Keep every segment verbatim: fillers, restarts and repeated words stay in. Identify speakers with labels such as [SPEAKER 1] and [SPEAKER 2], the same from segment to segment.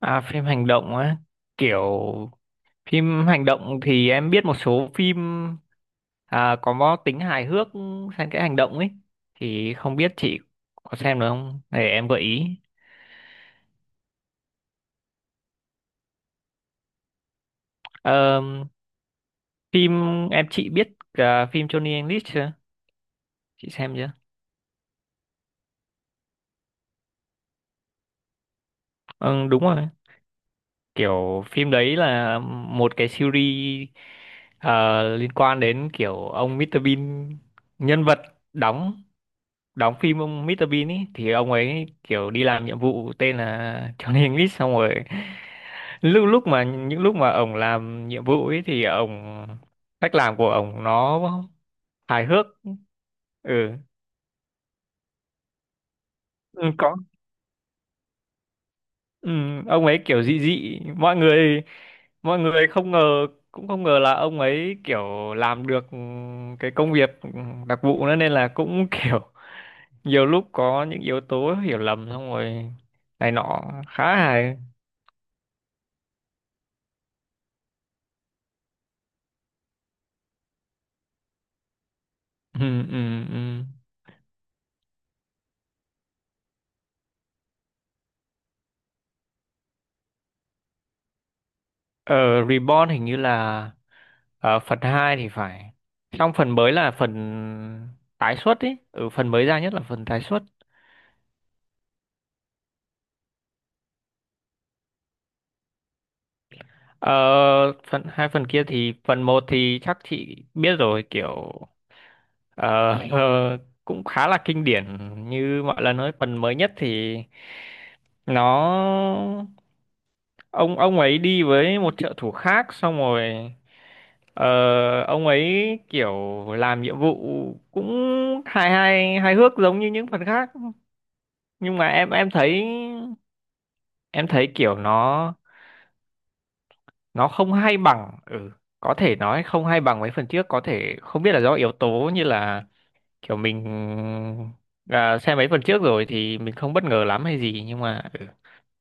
[SPEAKER 1] À, phim hành động á, kiểu phim hành động thì em biết một số phim, à, có tính hài hước xen kẽ hành động ấy, thì không biết chị có xem được không? Để em gợi ý. Ờ, phim em chị biết cả phim Johnny English chưa? Chị xem chưa? Ừ, đúng rồi. Kiểu phim đấy là một cái series, ờ, liên quan đến kiểu ông mít-tờ Bean nhân vật đóng đóng phim ông mít-tờ Bean ấy thì ông ấy kiểu đi làm nhiệm vụ tên là Johnny English, xong rồi lúc lúc mà những lúc mà ông làm nhiệm vụ ấy thì ông, cách làm của ông nó hài hước. Ừ, ừ có, ừ, ông ấy kiểu dị dị, mọi người mọi người không ngờ, cũng không ngờ là ông ấy kiểu làm được cái công việc đặc vụ nữa, nên là cũng kiểu nhiều lúc có những yếu tố hiểu lầm, xong rồi này nọ, khá hài. Ừ ừ ừ ở Reborn hình như là ở phần hai thì phải, xong phần mới là phần tái xuất ý, ừ, phần mới ra nhất là phần tái xuất. ờ, Phần hai phần kia thì phần một thì chắc chị biết rồi kiểu, ờ, ờ, cũng khá là kinh điển như mọi lần. Nói phần mới nhất thì nó, ông ông ấy đi với một trợ thủ khác, xong rồi ờ, ông ấy kiểu làm nhiệm vụ cũng hài hài hài hước giống như những phần khác, nhưng mà em em thấy, em thấy kiểu nó nó không hay bằng, ừ, có thể nói không hay bằng mấy phần trước, có thể không biết là do yếu tố như là kiểu mình, à, xem mấy phần trước rồi thì mình không bất ngờ lắm hay gì, nhưng mà ừ.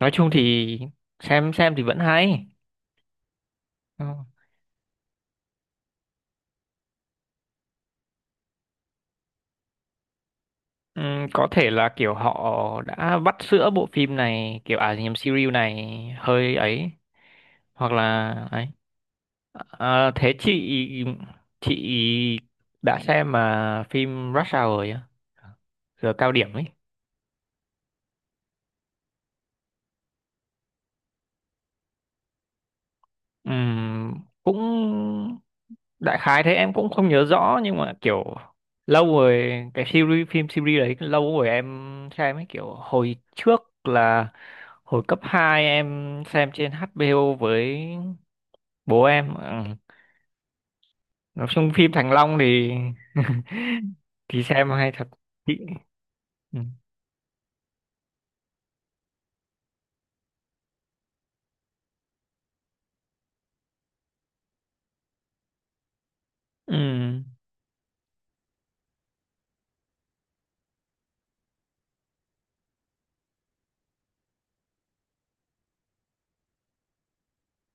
[SPEAKER 1] Nói chung thì xem xem thì vẫn hay. Ờ. Ừm, có thể là kiểu họ đã vắt sữa bộ phim này kiểu, à nhầm, series này hơi ấy, hoặc là ấy. À, thế chị chị đã xem mà phim Rush Hour rồi á, giờ cao điểm ấy. Ừm, cũng đại khái thế, em cũng không nhớ rõ, nhưng mà kiểu lâu rồi, cái series phim, series đấy lâu rồi em xem ấy, kiểu hồi trước là hồi cấp hai em xem trên hát bê o với bố em. Ừ. Nói chung phim Thành Long thì thì xem hay thật chị. Ừ. Ừ.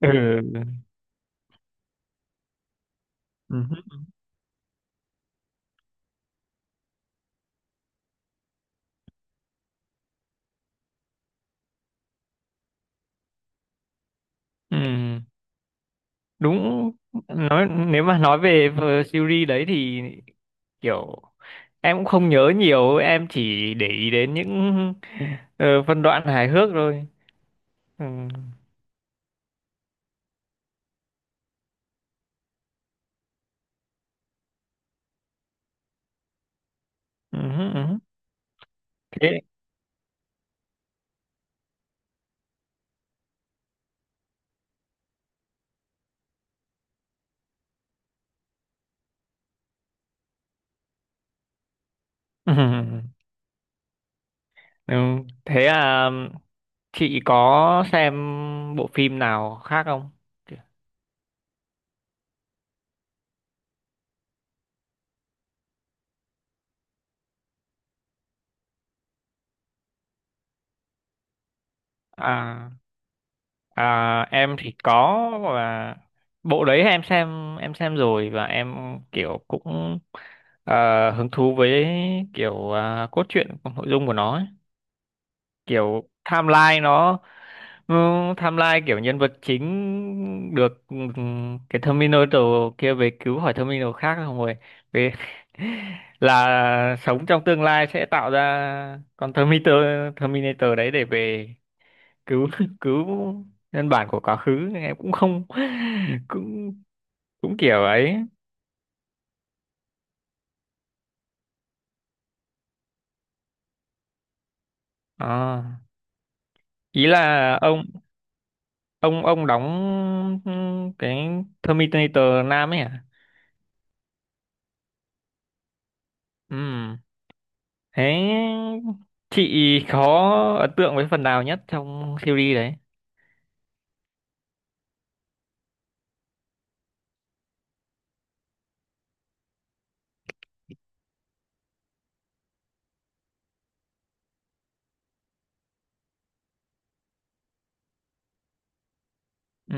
[SPEAKER 1] Ừ. Ừ. Ừ. Đúng, nói nếu mà nói về ờ, series đấy thì kiểu em cũng không nhớ nhiều, em chỉ để ý đến những ờ, phân đoạn hài hước thôi. Ừ. Ừ, ừ. Thế ừ. Ừ. Thế à, chị có xem bộ phim nào khác không? À. À, em thì có. Và bộ đấy em xem, em xem rồi, và em kiểu cũng ờ, hứng thú với kiểu, à, cốt truyện, nội dung của nó ấy. Kiểu timeline nó, ừ, timeline kiểu nhân vật chính được, ừ, cái Terminator kia về cứu khỏi Terminator khác không, rồi về là sống trong tương lai sẽ tạo ra con Terminator, Terminator đấy để về cứu cứu nhân bản của quá khứ. Em cũng không cũng cũng kiểu ấy. Ờ, ý là ông, ông ông đóng, ừ, cái Terminator nam ấy à. Ừ, thế chị có ấn tượng với phần nào nhất trong series đấy? Ừ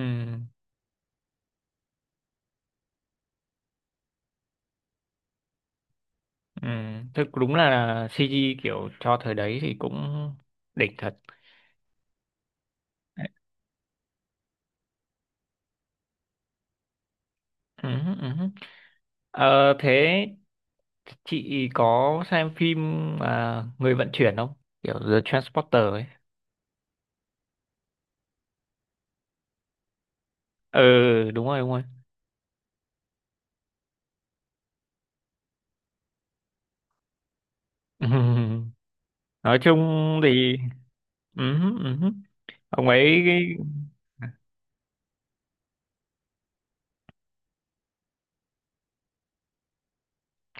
[SPEAKER 1] ừ, thực đúng là xê giê kiểu cho thời đấy thì cũng đỉnh thật. Ừ, ừ. Ừ. Ờ, thế chị có xem phim, à, người vận chuyển không, kiểu The Transporter ấy? Ừ đúng rồi đúng rồi Ừm, nói chung thì ừm ừ. Ông ấy,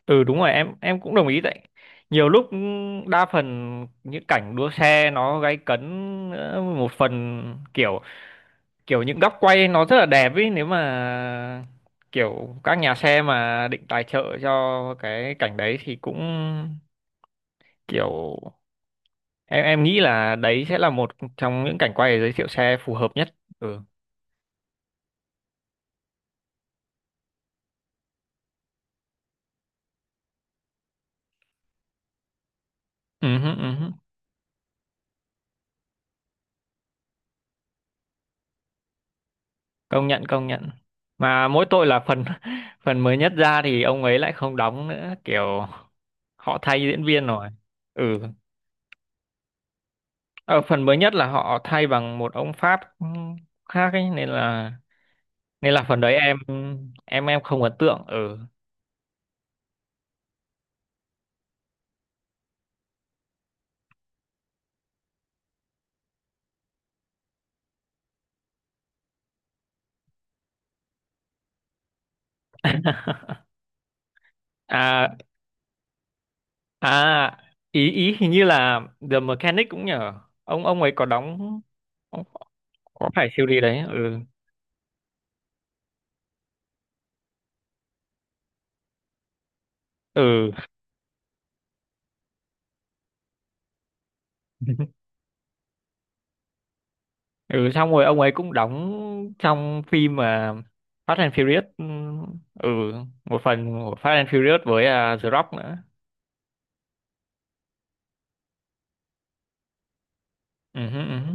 [SPEAKER 1] ừ đúng rồi, em em cũng đồng ý đấy. Nhiều lúc đa phần những cảnh đua xe nó gay cấn, ờ, một phần kiểu, kiểu những góc quay nó rất là đẹp ấy, nếu mà kiểu các nhà xe mà định tài trợ cho cái cảnh đấy thì cũng kiểu, em em nghĩ là đấy sẽ là một trong những cảnh quay để giới thiệu xe phù hợp nhất. Ừ, ừ, hứ, ừ, hứ. Công nhận công nhận, mà mỗi tội là phần phần mới nhất ra thì ông ấy lại không đóng nữa, kiểu họ thay diễn viên rồi. Ừ, ở phần mới nhất là họ thay bằng một ông Pháp, ừ, khác ấy, nên là nên là phần đấy em, em em không ấn tượng. Ừ à à, ý ý hình như là The Mechanic cũng nhờ, ông ông ấy có đóng, có phải siêu đi đấy. Ừ ừ ừ, xong rồi ông ấy cũng đóng trong phim mà Fast and Furious, ừ, ừ, một phần của Fast and Furious với, à, The Rock nữa. Ừ, hứ, ừ, hứ.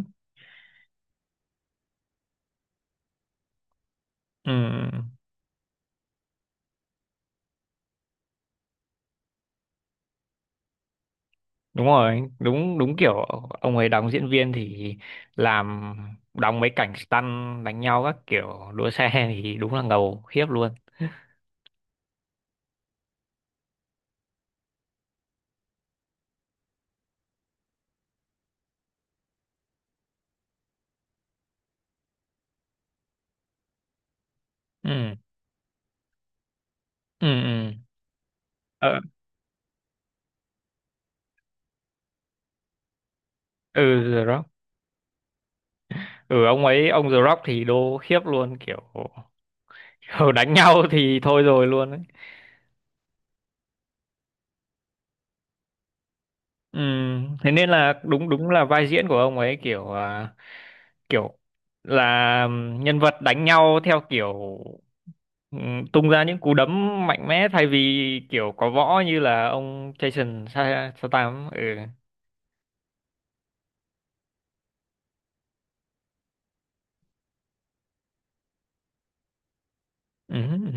[SPEAKER 1] Ừ. Đúng rồi đúng đúng kiểu, ông ấy đóng diễn viên thì làm, đóng mấy cảnh stunt đánh nhau, các kiểu đua xe thì đúng là ngầu khiếp luôn. Ừ ừ ừ ờ, ừ, The Rock, ừ, ông ấy ông The Rock thì đô khiếp luôn kiểu đánh nhau thì thôi rồi luôn ấy. Ừ, thế nên là đúng, đúng là vai diễn của ông ấy kiểu, à, kiểu là nhân vật đánh nhau theo kiểu, ừ, tung ra những cú đấm mạnh mẽ thay vì kiểu có võ như là ông Jason Sa- Statham. Ừ. Ừ, ừ, ừ.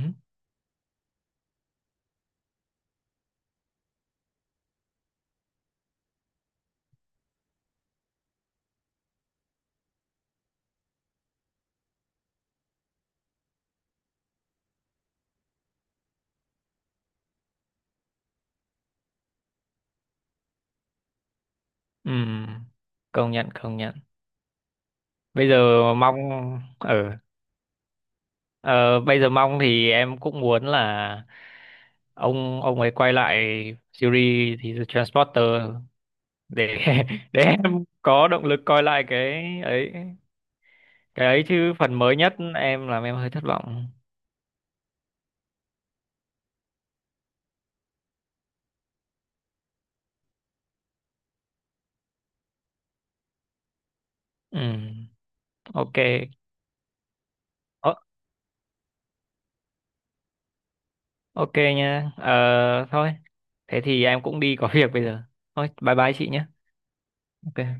[SPEAKER 1] Ừ. Công nhận công nhận. Bây giờ mong, ừ. Ờ, bây giờ mong thì em cũng muốn là ông ông ấy quay lại series thì The Transporter để để em có động lực coi lại cái ấy, cái ấy chứ phần mới nhất em làm em hơi thất vọng. Ừ ok. Ờ, ok nha, ờ thôi, thế thì em cũng đi có việc bây giờ, thôi bye bye chị nhé. Ok.